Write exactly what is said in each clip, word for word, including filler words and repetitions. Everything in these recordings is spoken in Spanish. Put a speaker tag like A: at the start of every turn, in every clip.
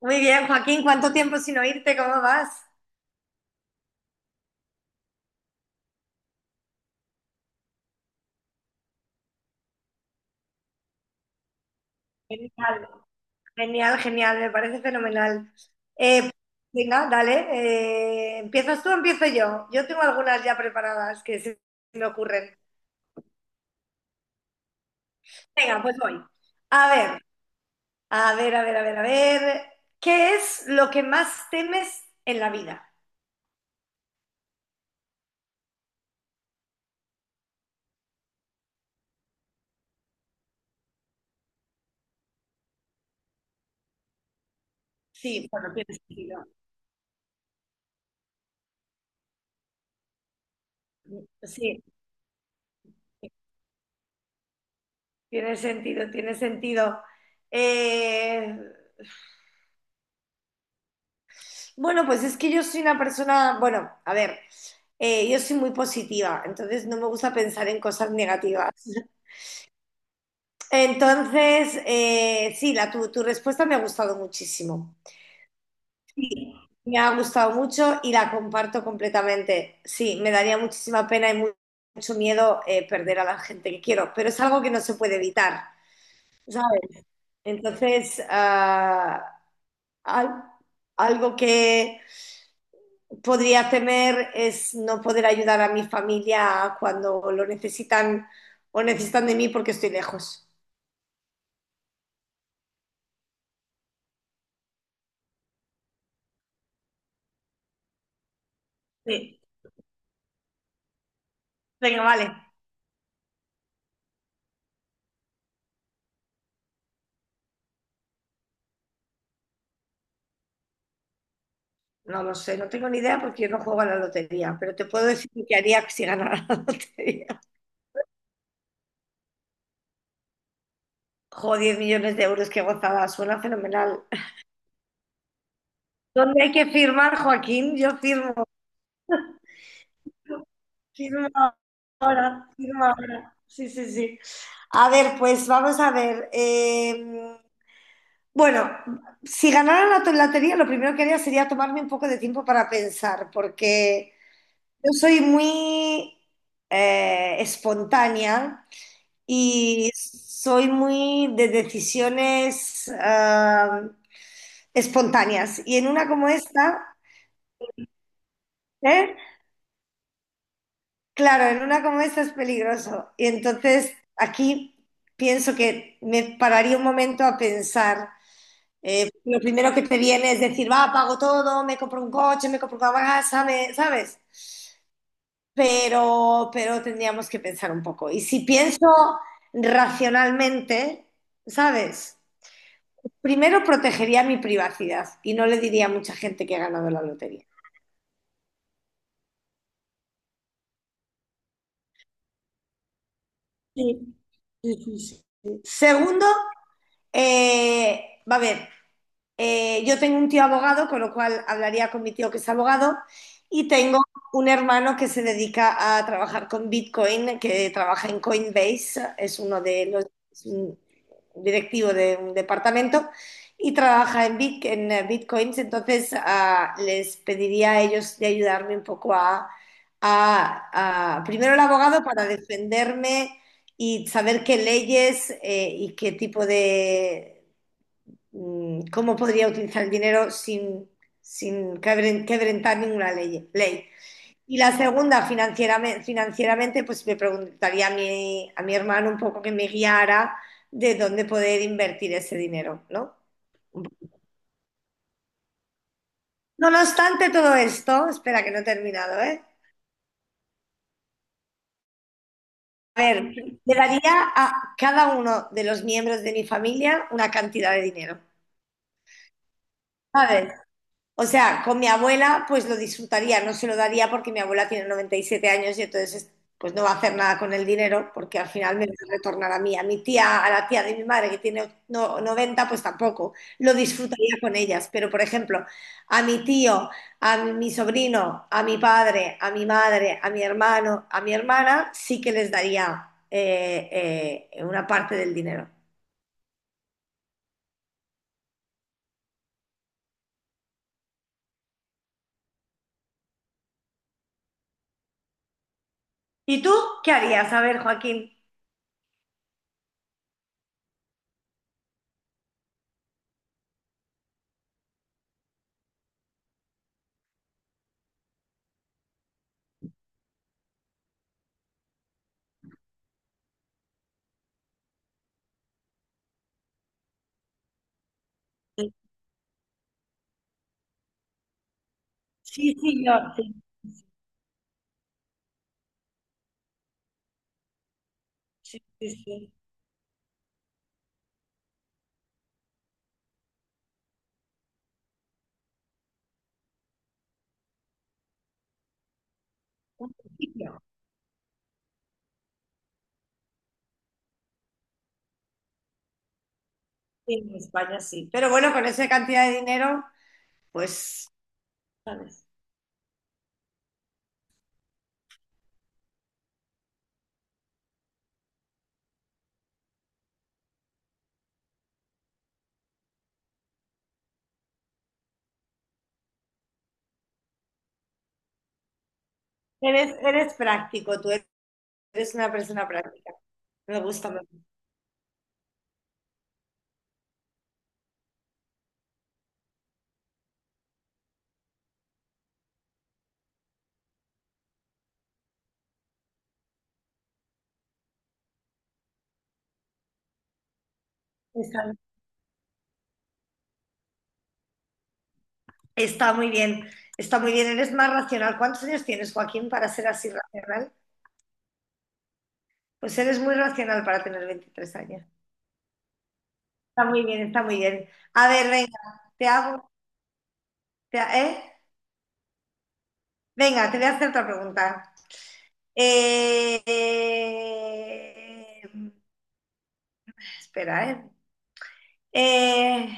A: Muy bien, Joaquín, ¿cuánto tiempo sin oírte? ¿Cómo vas? Genial, genial, genial, me parece fenomenal. Eh, Venga, dale, eh, ¿empiezas tú o empiezo yo? Yo tengo algunas ya preparadas que se me ocurren. Venga, pues voy. A ver, a ver, a ver, a ver, a ver. ¿Qué es lo que más temes en la vida? Sí, bueno, tiene sentido. Sí, tiene sentido, tiene sentido. Eh, Bueno, pues es que yo soy una persona, bueno, a ver, eh, yo soy muy positiva, entonces no me gusta pensar en cosas negativas. Entonces, eh, sí, la, tu, tu respuesta me ha gustado muchísimo. Sí, me ha gustado mucho y la comparto completamente. Sí, me daría muchísima pena y mu- mucho miedo eh, perder a la gente que quiero, pero es algo que no se puede evitar, ¿sabes? Entonces, ah, al- algo que podría temer es no poder ayudar a mi familia cuando lo necesitan o necesitan de mí porque estoy lejos. Sí. Venga, vale. No lo sé, no tengo ni idea porque yo no juego a la lotería, pero te puedo decir lo que haría si ganara la lotería. Joder, diez millones de euros, qué gozada, suena fenomenal. ¿Dónde hay que firmar, Joaquín? Yo firmo, firmo ahora, firmo ahora. Sí, sí, sí. A ver, pues vamos a ver. eh, Bueno, si ganara la to- lotería, lo primero que haría sería tomarme un poco de tiempo para pensar, porque yo soy muy eh, espontánea y soy muy de decisiones ah, espontáneas. Y en una como esta, ¿eh? Claro, en una como esta es peligroso. Y entonces aquí pienso que me pararía un momento a pensar. Eh, lo primero que te viene es decir, va, pago todo, me compro un coche, me compro una casa, me- ¿sabes? Pero, pero tendríamos que pensar un poco. Y si pienso racionalmente, ¿sabes? Primero protegería mi privacidad y no le diría a mucha gente que ha ganado la lotería. Sí, sí, sí, sí. Segundo, eh, va a ver, Eh, yo tengo un tío abogado, con lo cual hablaría con mi tío que es abogado, y tengo un hermano que se dedica a trabajar con Bitcoin, que trabaja en Coinbase, es uno de los es un directivo de un departamento y trabaja en, Bit- en, eh, Bitcoins, entonces ah, les pediría a ellos de ayudarme un poco a, a- a- primero el abogado para defenderme y saber qué leyes eh, y qué tipo de mm, cómo podría utilizar el dinero sin, sin quebren- quebrantar ninguna ley, ley. Y la segunda, financieramente, financieramente, pues me preguntaría a mi, a mi hermano un poco que me guiara de dónde poder invertir ese dinero, ¿no? No obstante todo esto, espera que no he terminado, ¿eh? A ver, le daría a cada uno de los miembros de mi familia una cantidad de dinero, ¿sabes? O sea, con mi abuela pues lo disfrutaría, no se lo daría porque mi abuela tiene noventa y siete años y entonces pues no va a hacer nada con el dinero porque al final me lo retornará a mí. A mi tía, a la tía de mi madre que tiene no- noventa pues tampoco, lo disfrutaría con ellas. Pero por ejemplo, a mi tío, a mi sobrino, a mi padre, a mi madre, a mi hermano, a mi hermana, sí que les daría eh, eh, una parte del dinero. ¿Y tú qué harías? A ver, Joaquín. Sí, sí, yo. Sí, sí, sí. Un principio. Sí, en España sí. Pero bueno, con esa cantidad de dinero, pues, ¿sabes? Eres, eres práctico, tú eres una persona práctica. Me gusta, me gusta. Está, está muy bien, está muy bien, eres más racional. ¿Cuántos años tienes, Joaquín, para ser así racional? Pues eres muy racional para tener veintitrés años. Está muy bien, está muy bien. A ver, venga, te hago, te ha- ¿eh? Venga, te voy a hacer otra pregunta. Eh, eh, espera, ¿eh? Eh,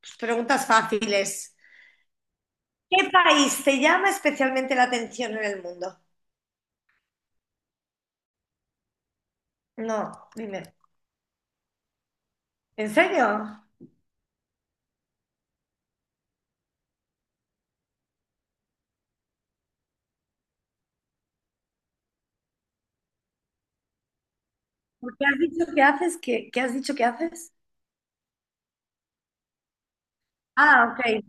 A: pues preguntas fáciles. ¿Qué país te llama especialmente la atención en el mundo? No, dime. ¿En serio? ¿Por qué has dicho que haces? ¿Qué, ¿qué has dicho que haces? Ah, ok,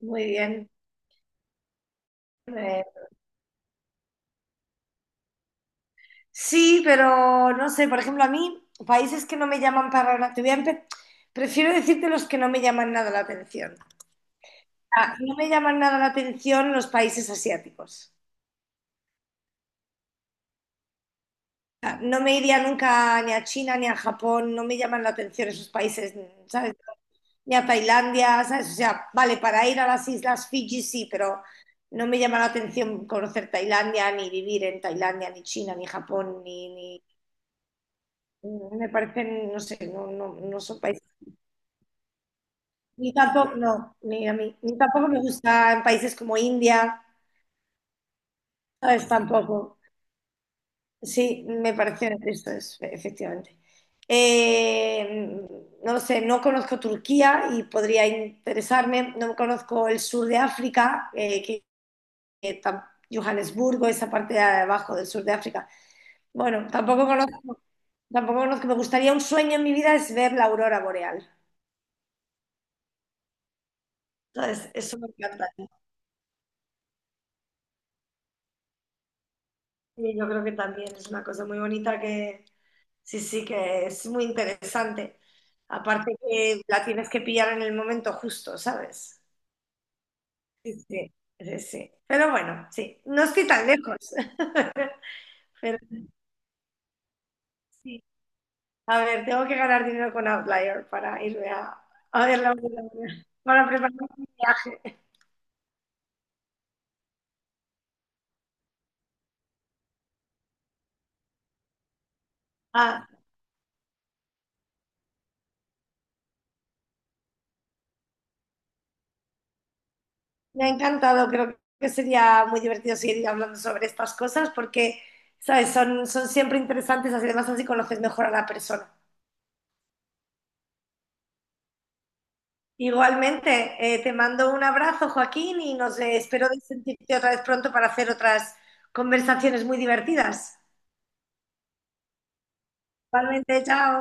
A: muy bien. Eh, sí, pero no sé, por ejemplo, a mí, países que no me llaman para nada, te voy a empe- prefiero decirte los que no me llaman nada la atención. Ah, no me llaman nada la atención los países asiáticos. No me iría nunca ni a China ni a Japón, no me llaman la atención esos países, ¿sabes? Ni a Tailandia, ¿sabes? O sea, vale, para ir a las islas Fiji sí, pero no me llama la atención conocer Tailandia, ni vivir en Tailandia, ni China, ni Japón, ni, ni- me parecen, no sé, no, no, no son países. Ni tampoco, no, ni a mí, ni tampoco me gusta en países como India, ¿sabes? Tampoco. Sí, me pareció, esto es, efectivamente. Eh, no lo sé, no conozco Turquía y podría interesarme, no conozco el sur de África, eh, que, que tam- Johannesburgo, esa parte de abajo del sur de África. Bueno, tampoco conozco, tampoco conozco, me gustaría un sueño en mi vida es ver la aurora boreal. Entonces, eso me encanta. Y yo creo que también es una cosa muy bonita que, sí, sí, que es muy interesante. Aparte que la tienes que pillar en el momento justo, ¿sabes? Sí, sí, sí, sí. Pero bueno, sí, no estoy tan lejos. Pero sí, a ver, tengo que ganar dinero con Outlier para irme a, a ver la obra, para preparar mi viaje. Ah, me ha encantado, creo que sería muy divertido seguir hablando sobre estas cosas porque, ¿sabes? Son, son siempre interesantes, así- además así conoces mejor a la persona. Igualmente, eh, te mando un abrazo, Joaquín, y nos eh, espero de sentirte otra vez pronto para hacer otras conversaciones muy divertidas. Igualmente, chao.